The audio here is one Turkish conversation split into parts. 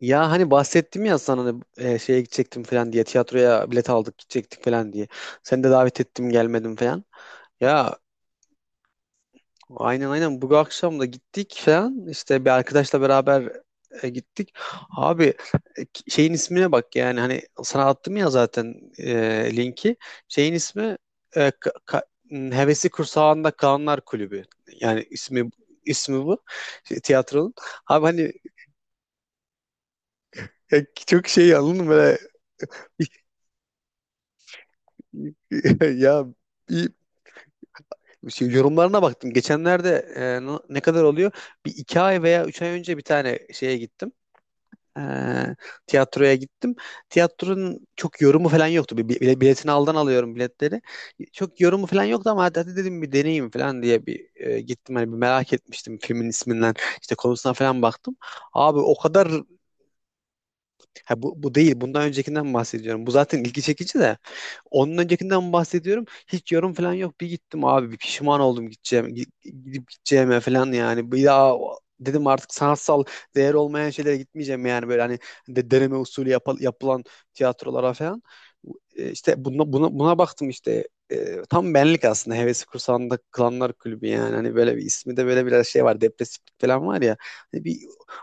Ya hani bahsettim ya sana hani, şeye gidecektim falan diye tiyatroya bilet aldık gidecektik falan diye. Seni de davet ettim gelmedim falan. Ya aynen aynen bu akşam da gittik falan işte bir arkadaşla beraber gittik. Abi şeyin ismine bak yani hani sana attım ya zaten linki. Şeyin ismi Hevesi Kursağında Kalanlar Kulübü. Yani ismi bu şey, tiyatronun. Abi hani çok şey anladın mı böyle? Ya bir şey, yorumlarına baktım. Geçenlerde ne kadar oluyor? Bir iki ay veya üç ay önce bir tane şeye gittim. E, tiyatroya gittim. Tiyatronun çok yorumu falan yoktu. Biletini alıyorum biletleri. Çok yorumu falan yoktu ama hadi, hadi dedim bir deneyeyim falan diye bir gittim. Hani bir merak etmiştim filmin isminden. İşte konusuna falan baktım. Abi o kadar. Ha, bu değil. Bundan öncekinden bahsediyorum. Bu zaten ilgi çekici de. Onun öncekinden bahsediyorum. Hiç yorum falan yok. Bir gittim abi. Bir pişman oldum gideceğim. Gidip gideceğime falan yani. Bir daha dedim artık sanatsal değer olmayan şeylere gitmeyeceğim yani. Böyle hani deneme usulü yapılan tiyatrolara falan. İşte buna baktım işte. Tam benlik aslında hevesi kursağında Klanlar Kulübü, yani hani böyle bir ismi de böyle biraz şey var, depresiflik falan var ya. Hani bir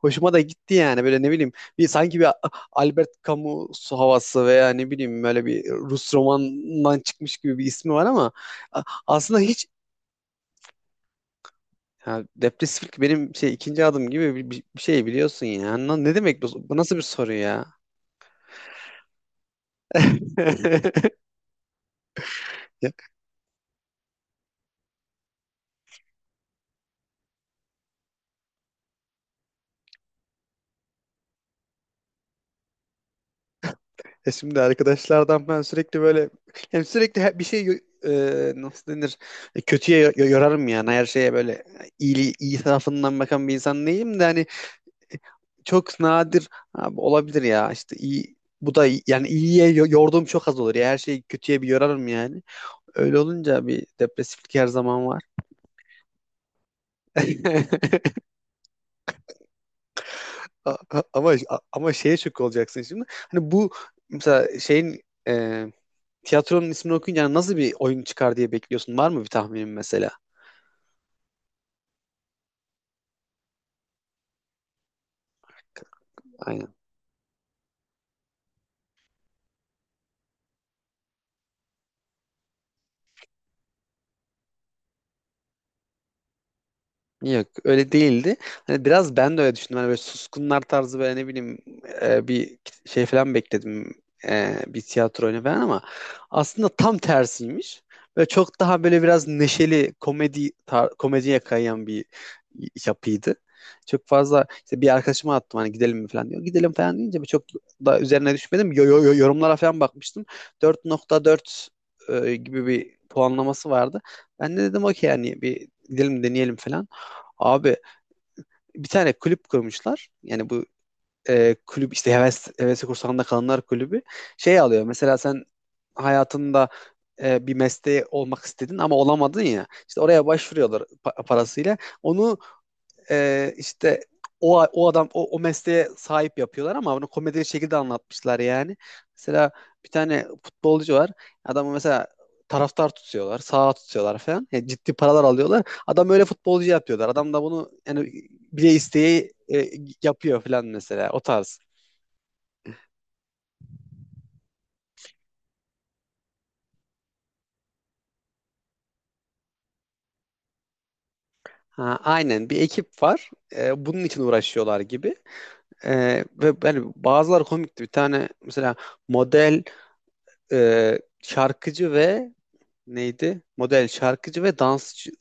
hoşuma da gitti yani, böyle ne bileyim, sanki bir Albert Camus havası veya ne bileyim böyle bir Rus romanından çıkmış gibi bir ismi var ama aslında hiç. Ha, depresiflik benim şey ikinci adım gibi bir şey, biliyorsun ya. Ne demek bu? Bu nasıl bir soru ya? Ya, şimdi arkadaşlardan ben sürekli böyle, hem sürekli bir şey nasıl denir. Kötüye yorarım, yani her şeye böyle iyi iyi tarafından bakan bir insan değilim de hani, çok nadir abi olabilir ya işte, iyi bu da yani iyiye yorduğum çok az olur ya, her şeyi kötüye bir yorarım yani. Öyle olunca bir depresiflik her zaman var. A- a- ama ama şeye şok olacaksın şimdi, hani bu, mesela şeyin, e, tiyatronun ismini okuyunca hani nasıl bir oyun çıkar diye bekliyorsun, var mı bir tahminin mesela? Aynen. Yok, öyle değildi. Hani biraz ben de öyle düşündüm. Hani böyle suskunlar tarzı, böyle ne bileyim, bir şey falan bekledim. Bir tiyatro oyunu falan, ama aslında tam tersiymiş. Böyle çok daha böyle biraz neşeli komedi, komediye kayan bir yapıydı. Çok fazla işte, bir arkadaşıma attım hani gidelim mi falan diyor. Gidelim falan deyince bir çok da üzerine düşmedim. Yorumlara falan bakmıştım. 4,4 gibi bir puanlaması vardı. Ben de dedim okey, yani bir gidelim deneyelim falan. Abi bir tane kulüp kurmuşlar. Yani bu kulüp işte, hevesi kursağında kalanlar kulübü şey alıyor. Mesela sen hayatında bir mesleği olmak istedin ama olamadın ya. İşte oraya başvuruyorlar parasıyla. Onu işte o adam o mesleğe sahip yapıyorlar ama bunu komedi şekilde anlatmışlar yani. Mesela bir tane futbolcu var. Adamı mesela taraftar tutuyorlar, sağa tutuyorlar falan. Yani ciddi paralar alıyorlar. Adam öyle futbolcu yapıyorlar. Adam da bunu yani bile isteği yapıyor falan, mesela o tarz. Ha, aynen, bir ekip var. Bunun için uğraşıyorlar gibi. E, ve yani bazıları komikti. Bir tane mesela model, şarkıcı ve neydi? Model, şarkıcı ve dansçı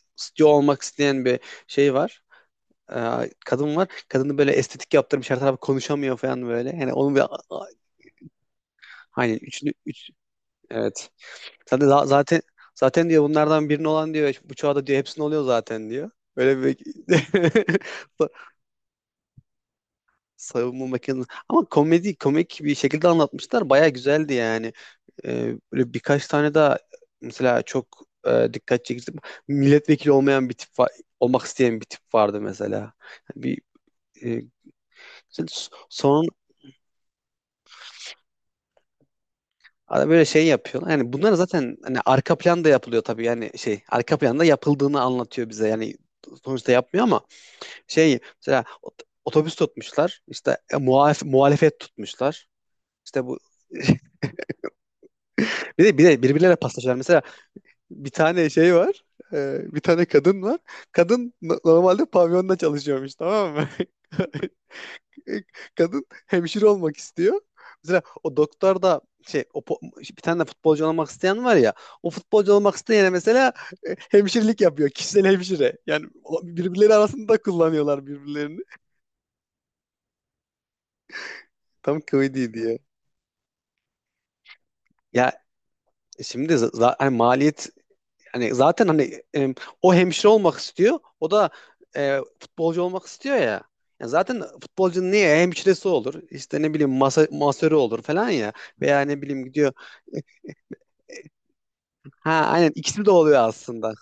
olmak isteyen bir şey var. Kadın var. Kadını böyle estetik yaptırmış. Her tarafı konuşamıyor falan böyle. Yani onun bir hani üç, evet. Zaten zaten zaten diyor, bunlardan birini olan diyor işte, bu çağda diyor hepsini oluyor zaten diyor. Böyle bir savunma makinesi. Ama komedi komik bir şekilde anlatmışlar. Baya güzeldi yani. Böyle birkaç tane daha mesela, çok dikkat çekici, milletvekili olmayan bir tip var, olmak isteyen bir tip vardı mesela. Yani e, son ara böyle şey yapıyorlar. Yani bunlar zaten hani arka planda yapılıyor tabii. Yani şey, arka planda yapıldığını anlatıyor bize. Yani sonuçta yapmıyor ama şey, mesela otobüs tutmuşlar. İşte muhalefet tutmuşlar. İşte bu bir de birbirleriyle paslaşıyorlar. Mesela bir tane şey var. Bir tane kadın var. Kadın normalde pavyonda çalışıyormuş, tamam mı? Kadın hemşire olmak istiyor. Mesela o doktor da şey, o bir tane de futbolcu olmak isteyen var ya, o futbolcu olmak isteyene mesela hemşirelik yapıyor. Kişisel hemşire. Yani birbirleri arasında kullanıyorlar birbirlerini. Tam kıvıydı diye. Ya şimdi hani maliyet, hani zaten hani, o hemşire olmak istiyor. O da futbolcu olmak istiyor ya. Yani zaten futbolcunun niye hemşiresi olur? İşte ne bileyim, masörü olur falan ya. Veya ne bileyim gidiyor. e, Ha, aynen, ikisi de oluyor aslında.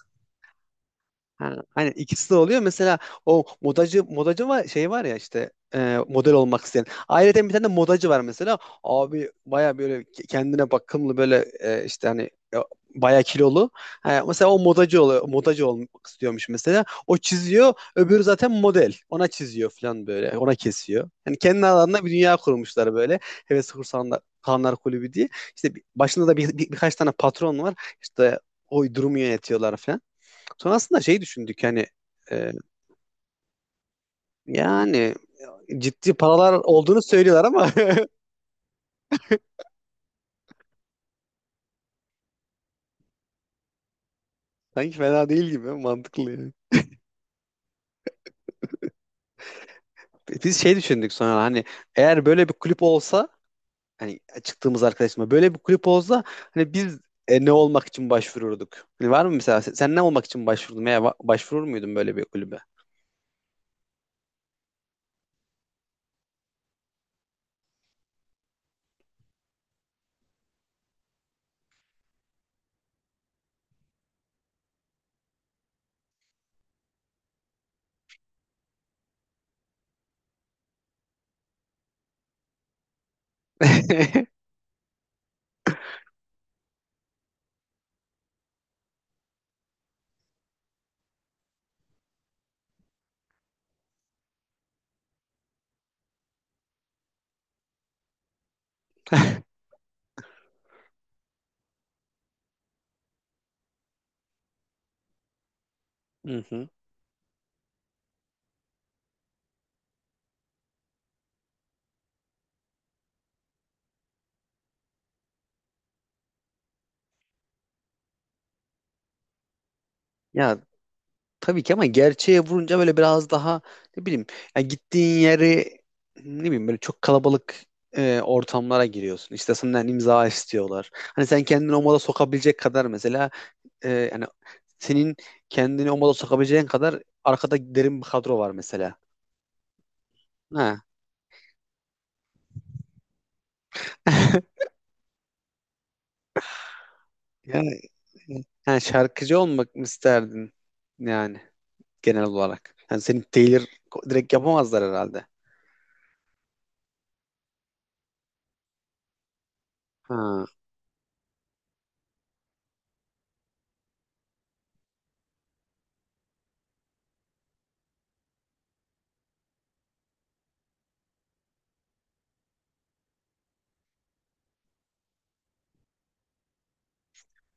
Ha, aynen, ikisi de oluyor. Mesela o modacı var, şey var ya işte, model olmak isteyen. Ayrıca bir tane de modacı var mesela. Abi baya böyle kendine bakımlı, böyle işte hani, e, baya kilolu. Ha, mesela o modacı oluyor. Modacı olmak istiyormuş mesela. O çiziyor. Öbürü zaten model. Ona çiziyor falan böyle. Ona kesiyor. Yani kendi alanında bir dünya kurmuşlar böyle. Heves Kursanlar Kanlar Kulübü diye. İşte başında da birkaç tane patron var. İşte o durumu yönetiyorlar falan. Sonrasında şey düşündük hani, e, yani ciddi paralar olduğunu söylüyorlar ama sanki fena değil gibi, mantıklı yani. Biz şey düşündük sonra hani, eğer böyle bir kulüp olsa, hani çıktığımız arkadaşımla böyle bir kulüp olsa, hani biz ne olmak için başvururduk? Hani var mı mesela, sen ne olmak için başvurdun veya başvurur muydun böyle bir kulübe? Hı hı. Ya tabii ki, ama gerçeğe vurunca böyle biraz daha, ne bileyim ya, gittiğin yeri ne bileyim, böyle çok kalabalık ortamlara giriyorsun. İşte senden imza istiyorlar. Hani sen kendini o moda sokabilecek kadar mesela, yani senin kendini o moda sokabileceğin kadar arkada derin bir kadro var mesela. Ha. Yani, Yani şarkıcı olmak mı isterdin yani, genel olarak? Yani seni Taylor direkt yapamazlar herhalde. Ha.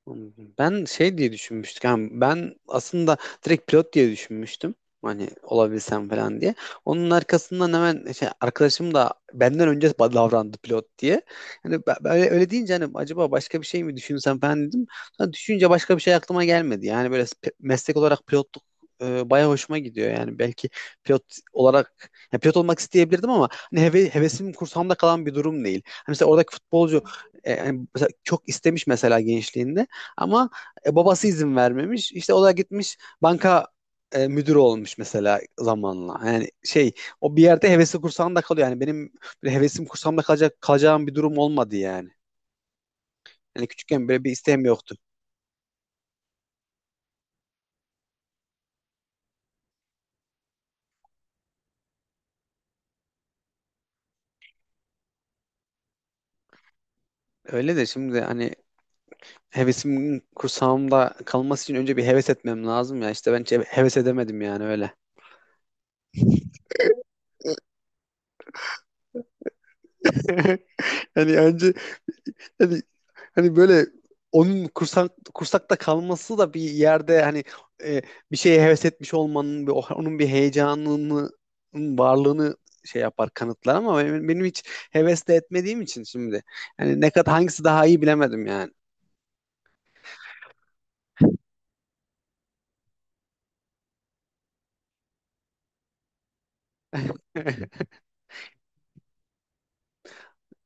Anladım. Ben şey diye düşünmüştüm. Yani ben aslında direkt pilot diye düşünmüştüm. Hani olabilsem falan diye. Onun arkasından hemen şey, arkadaşım da benden önce davrandı pilot diye. Hani böyle öyle deyince hani acaba başka bir şey mi düşünsem falan dedim. Sonra düşününce başka bir şey aklıma gelmedi. Yani böyle meslek olarak pilotluk bayağı hoşuma gidiyor. Yani belki pilot olarak, ya pilot olmak isteyebilirdim ama hani hevesim kursamda kalan bir durum değil. Hani mesela oradaki futbolcu, yani mesela çok istemiş mesela gençliğinde. Ama babası izin vermemiş. İşte o da gitmiş banka müdürü olmuş mesela zamanla. Yani şey, o bir yerde hevesi kursağında kalıyor. Yani benim böyle hevesim kursamda kalacağım bir durum olmadı yani. Yani küçükken böyle bir isteğim yoktu. Öyle de şimdi hani, hevesimin kursağımda kalması için önce bir heves etmem lazım ya. İşte ben hiç heves edemedim yani öyle. Hani önce hani, hani böyle, onun kursakta kalması da bir yerde hani e, bir şeye heves etmiş olmanın, onun bir heyecanının varlığını şey yapar, kanıtlar, ama benim hiç hevesle etmediğim için şimdi hani ne kadar hangisi daha iyi bilemedim yani.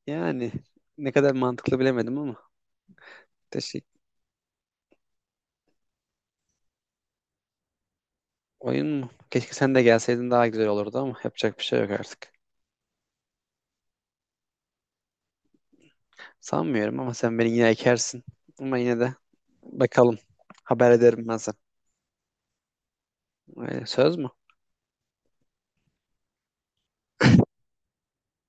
Yani ne kadar mantıklı bilemedim ama, teşekkür. Oyun mu? Keşke sen de gelseydin, daha güzel olurdu ama yapacak bir şey yok artık. Sanmıyorum, ama sen beni yine ekersin. Ama yine de bakalım. Haber ederim ben sana. Öyle, söz mü?